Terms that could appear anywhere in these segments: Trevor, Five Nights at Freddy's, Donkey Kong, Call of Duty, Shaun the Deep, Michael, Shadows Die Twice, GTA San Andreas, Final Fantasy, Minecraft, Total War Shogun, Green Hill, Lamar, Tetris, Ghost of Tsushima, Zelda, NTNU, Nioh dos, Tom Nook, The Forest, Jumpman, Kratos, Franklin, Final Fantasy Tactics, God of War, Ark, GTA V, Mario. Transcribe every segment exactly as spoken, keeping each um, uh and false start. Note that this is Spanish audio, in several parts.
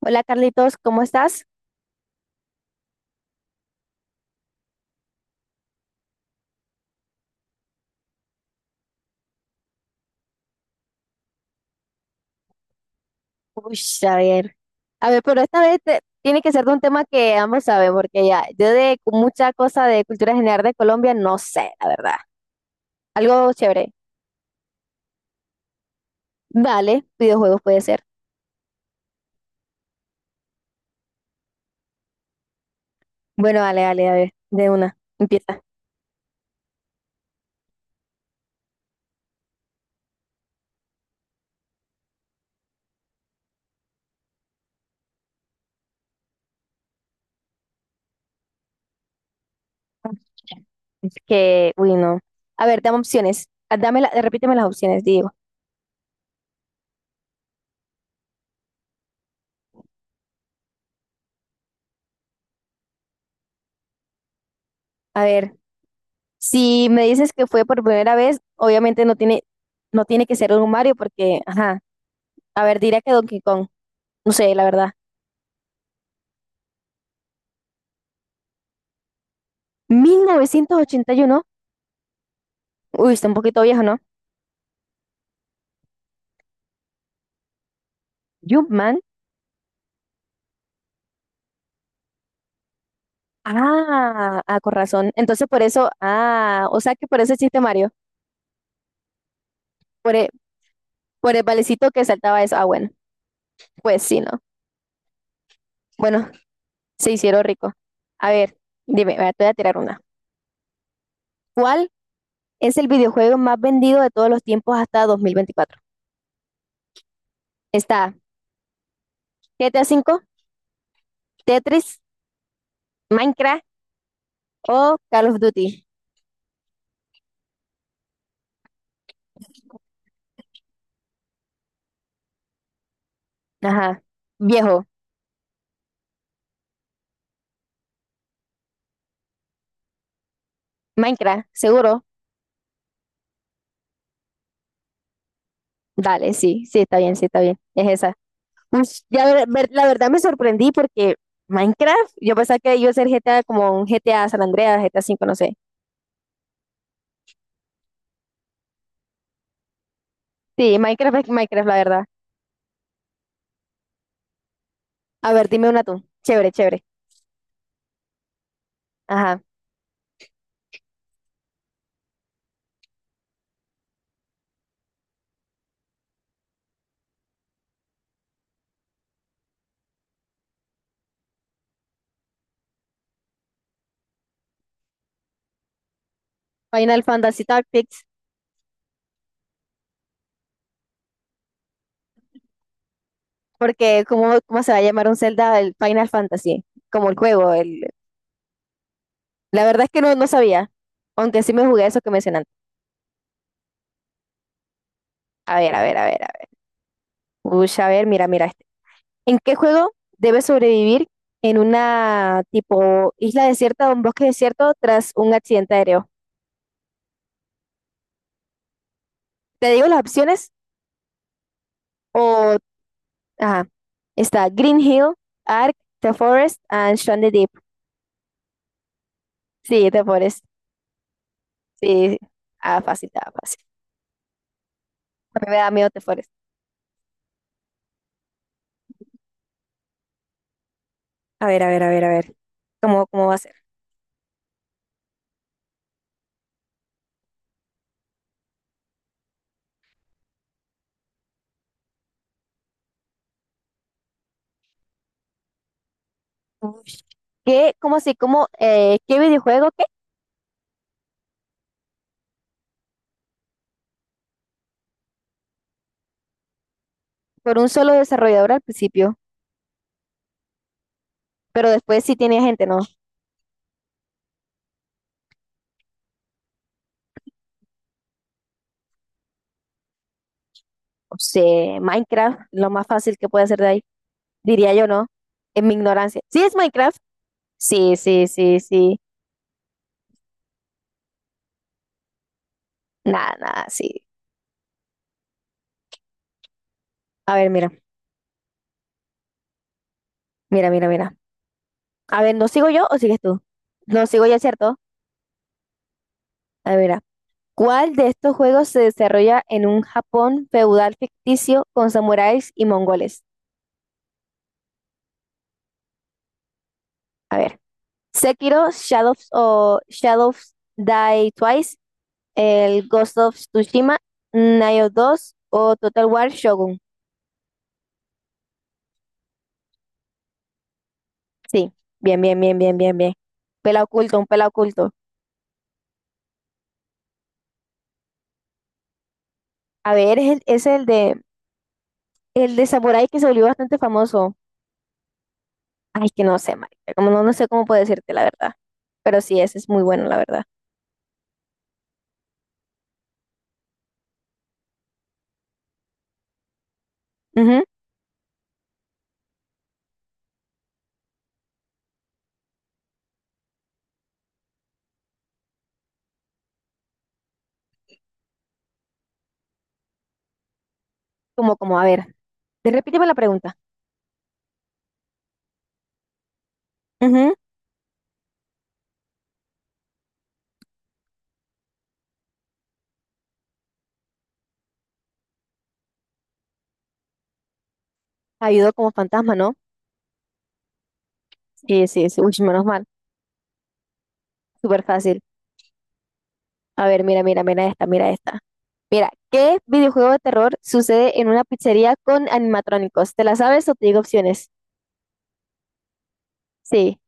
Hola Carlitos, ¿cómo estás? Uy, a ver, a ver, pero esta vez te- tiene que ser de un tema que ambos saben, porque ya, yo de mucha cosa de cultura general de Colombia no sé, la verdad. Algo chévere. Vale, videojuegos puede ser. Bueno, vale, vale, a ver, de una, empieza. Es que, uy, no. A ver, dame opciones. Ah, dame la- repíteme las opciones, digo. A ver, si me dices que fue por primera vez, obviamente no tiene, no tiene que ser un Mario, porque, ajá. A ver, diría que Donkey Kong. No sé, la verdad. Mil novecientos ochenta y uno. Uy, está un poquito viejo, ¿no? Jumpman. Ah, ah, con razón. Entonces por eso, ah, o sea que por ese chiste Mario, por el, por el valecito que saltaba eso. Ah, bueno, pues sí, ¿no? Bueno, se hicieron rico. A ver, dime, vea, te voy a tirar una. ¿Cuál es el videojuego más vendido de todos los tiempos hasta dos mil veinticuatro? Está G T A cinco, Tetris, Minecraft o Call of Duty. Ajá, viejo, Minecraft, seguro. Dale, sí, sí, está bien, sí, está bien. Es esa. Pues, ya ver- ver- la verdad me sorprendí porque Minecraft, yo pensaba que iba a ser G T A como un G T A San Andreas, G T A cinco no sé. Sí, Minecraft es Minecraft, la verdad. A ver, dime una tú. Chévere, chévere. Ajá. Final Fantasy Tactics, porque ¿cómo, cómo se va a llamar un Zelda el Final Fantasy? Como el juego. El... La verdad es que no, no sabía, aunque sí me jugué eso que mencionaste. A ver, a ver, a ver, a ver. Uy, a ver, mira, mira este. ¿En qué juego debes sobrevivir en una tipo isla desierta o un bosque desierto tras un accidente aéreo? ¿Te digo las opciones? O, ajá, está Green Hill, Ark, The Forest, and Shaun the Deep. Sí, The Forest. Sí, ah, fácil, ah, fácil. A mí me da miedo The Forest. A ver, a ver, a ver, a ver. ¿Cómo, cómo va a ser? Ush. ¿Qué, cómo así, cómo, eh, qué videojuego, qué? Por un solo desarrollador al principio, pero después sí tiene gente, ¿no? O sea, Minecraft, lo más fácil que puede hacer de ahí, diría yo, ¿no? En mi ignorancia. ¿Sí es Minecraft? Sí, sí, sí, sí. Nada, nada, sí. A ver, mira, mira, mira, mira. A ver, ¿no sigo yo o sigues tú? No sigo yo, ¿cierto? A ver, ah, ¿cuál de estos juegos se desarrolla en un Japón feudal ficticio con samuráis y mongoles? A ver, Sekiro, Shadows o Shadows Die Twice, el Ghost of Tsushima, Nioh dos o Total War Shogun. Sí, bien, bien, bien, bien, bien, bien. Pela oculto, un pela oculto. A ver, es el, es el de el de samurái que se volvió bastante famoso. Ay, que no sé, marica, como no, no sé cómo puedo decirte la verdad, pero sí, ese es muy bueno, la verdad. Ujú. Como, como, a ver, te repíteme la pregunta. Ujú. ¿Ayudó como fantasma, no? Sí, sí, sí, uy, menos mal, súper fácil. A ver, mira, mira, mira esta, mira esta. Mira, ¿qué videojuego de terror sucede en una pizzería con animatrónicos? ¿Te la sabes o te digo opciones? Sí.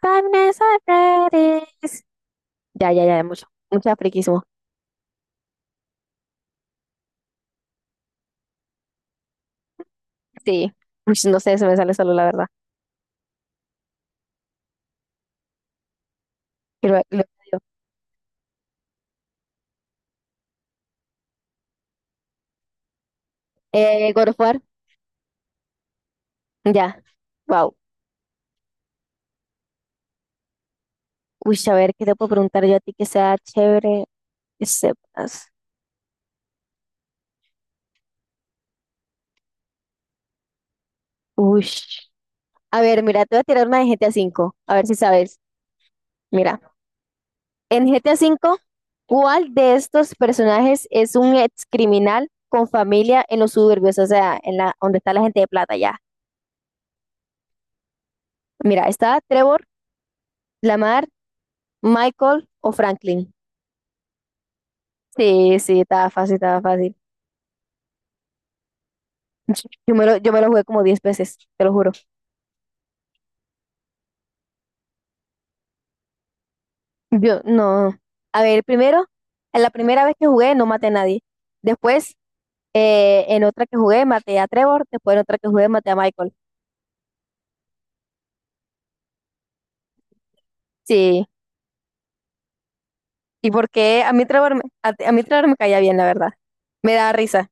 Five Nights at Freddy's. Ya, ya, ya, mucho, mucho friquismo. Sí, uy, no sé, se me sale solo la verdad. Pero, lo, eh, God of War. Ya, wow. Uy, a ver, ¿qué te puedo preguntar yo a ti que sea chévere, que sepas? Uy. A ver, mira, te voy a tirar una de G T A cinco, a cinco, a ver si sabes. Mira, en G T A cinco, ¿cuál de estos personajes es un ex criminal con familia en los suburbios? O sea, en la, donde está la gente de plata ya. Mira, está Trevor, Lamar, Michael o Franklin. Sí, sí, estaba fácil, estaba fácil. Yo me lo, yo me lo jugué como diez veces, te lo juro. Yo, no. A ver, primero, en la primera vez que jugué no maté a nadie. Después, eh, en otra que jugué maté a Trevor. Después en otra que jugué maté a Michael. Sí. Y porque a mí Trevor, me- a, a mí Trevor me caía bien, la verdad. Me da risa.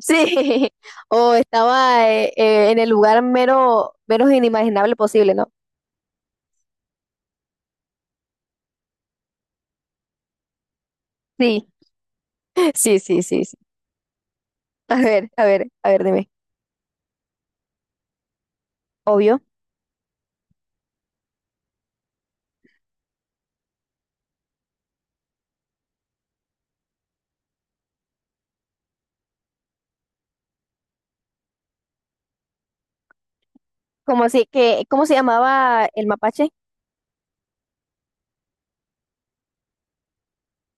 Sí. O estaba eh, eh, en el lugar menos, menos inimaginable posible, ¿no? Sí. Sí, sí, sí, sí. A ver, a ver, a ver, dime. Obvio. ¿Cómo así que cómo se llamaba el mapache?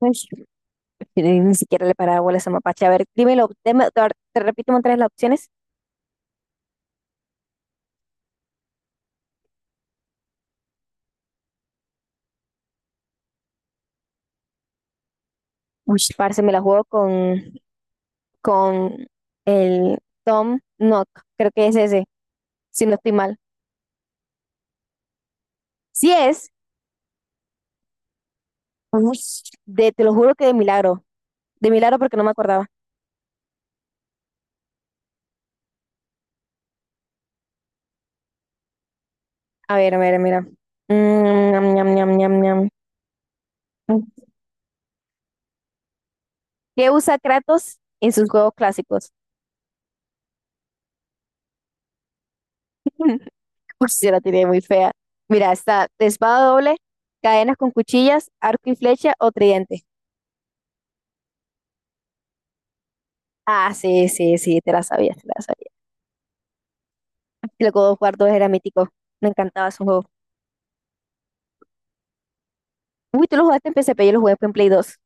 Ay, yo ni ni siquiera le paraba bola a esa mapache. A ver, dímelo, deme- te, te repito otra vez las opciones. Uy, parce, me la juego con, con, el Tom Nook. Creo que es ese, si no estoy mal. Si es, uy, de, te lo juro que de milagro. De milagro porque no me acordaba. A ver, a ver, mira. Mm, ñam, ñam, ñam, ñam, ñam. ¿Qué usa Kratos en sus juegos clásicos? Uy, yo la tiré muy fea. Mira, está de espada doble, cadenas con cuchillas, arco y flecha o tridente. Ah, sí, sí, sí, te la sabías, te la sabías. El God of War dos era mítico. Me encantaba ese juego. Uy, tú lo jugaste en P S P, yo lo jugué en Play dos.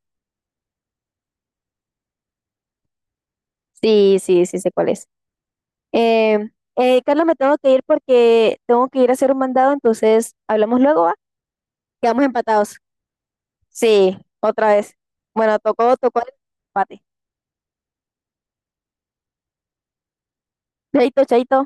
Sí, sí, sí, sé cuál es. Eh, eh, Carlos, me tengo que ir porque tengo que ir a hacer un mandado, entonces hablamos luego, ¿va? Quedamos empatados. Sí, otra vez. Bueno, tocó, tocó el empate. Chaito, chaito.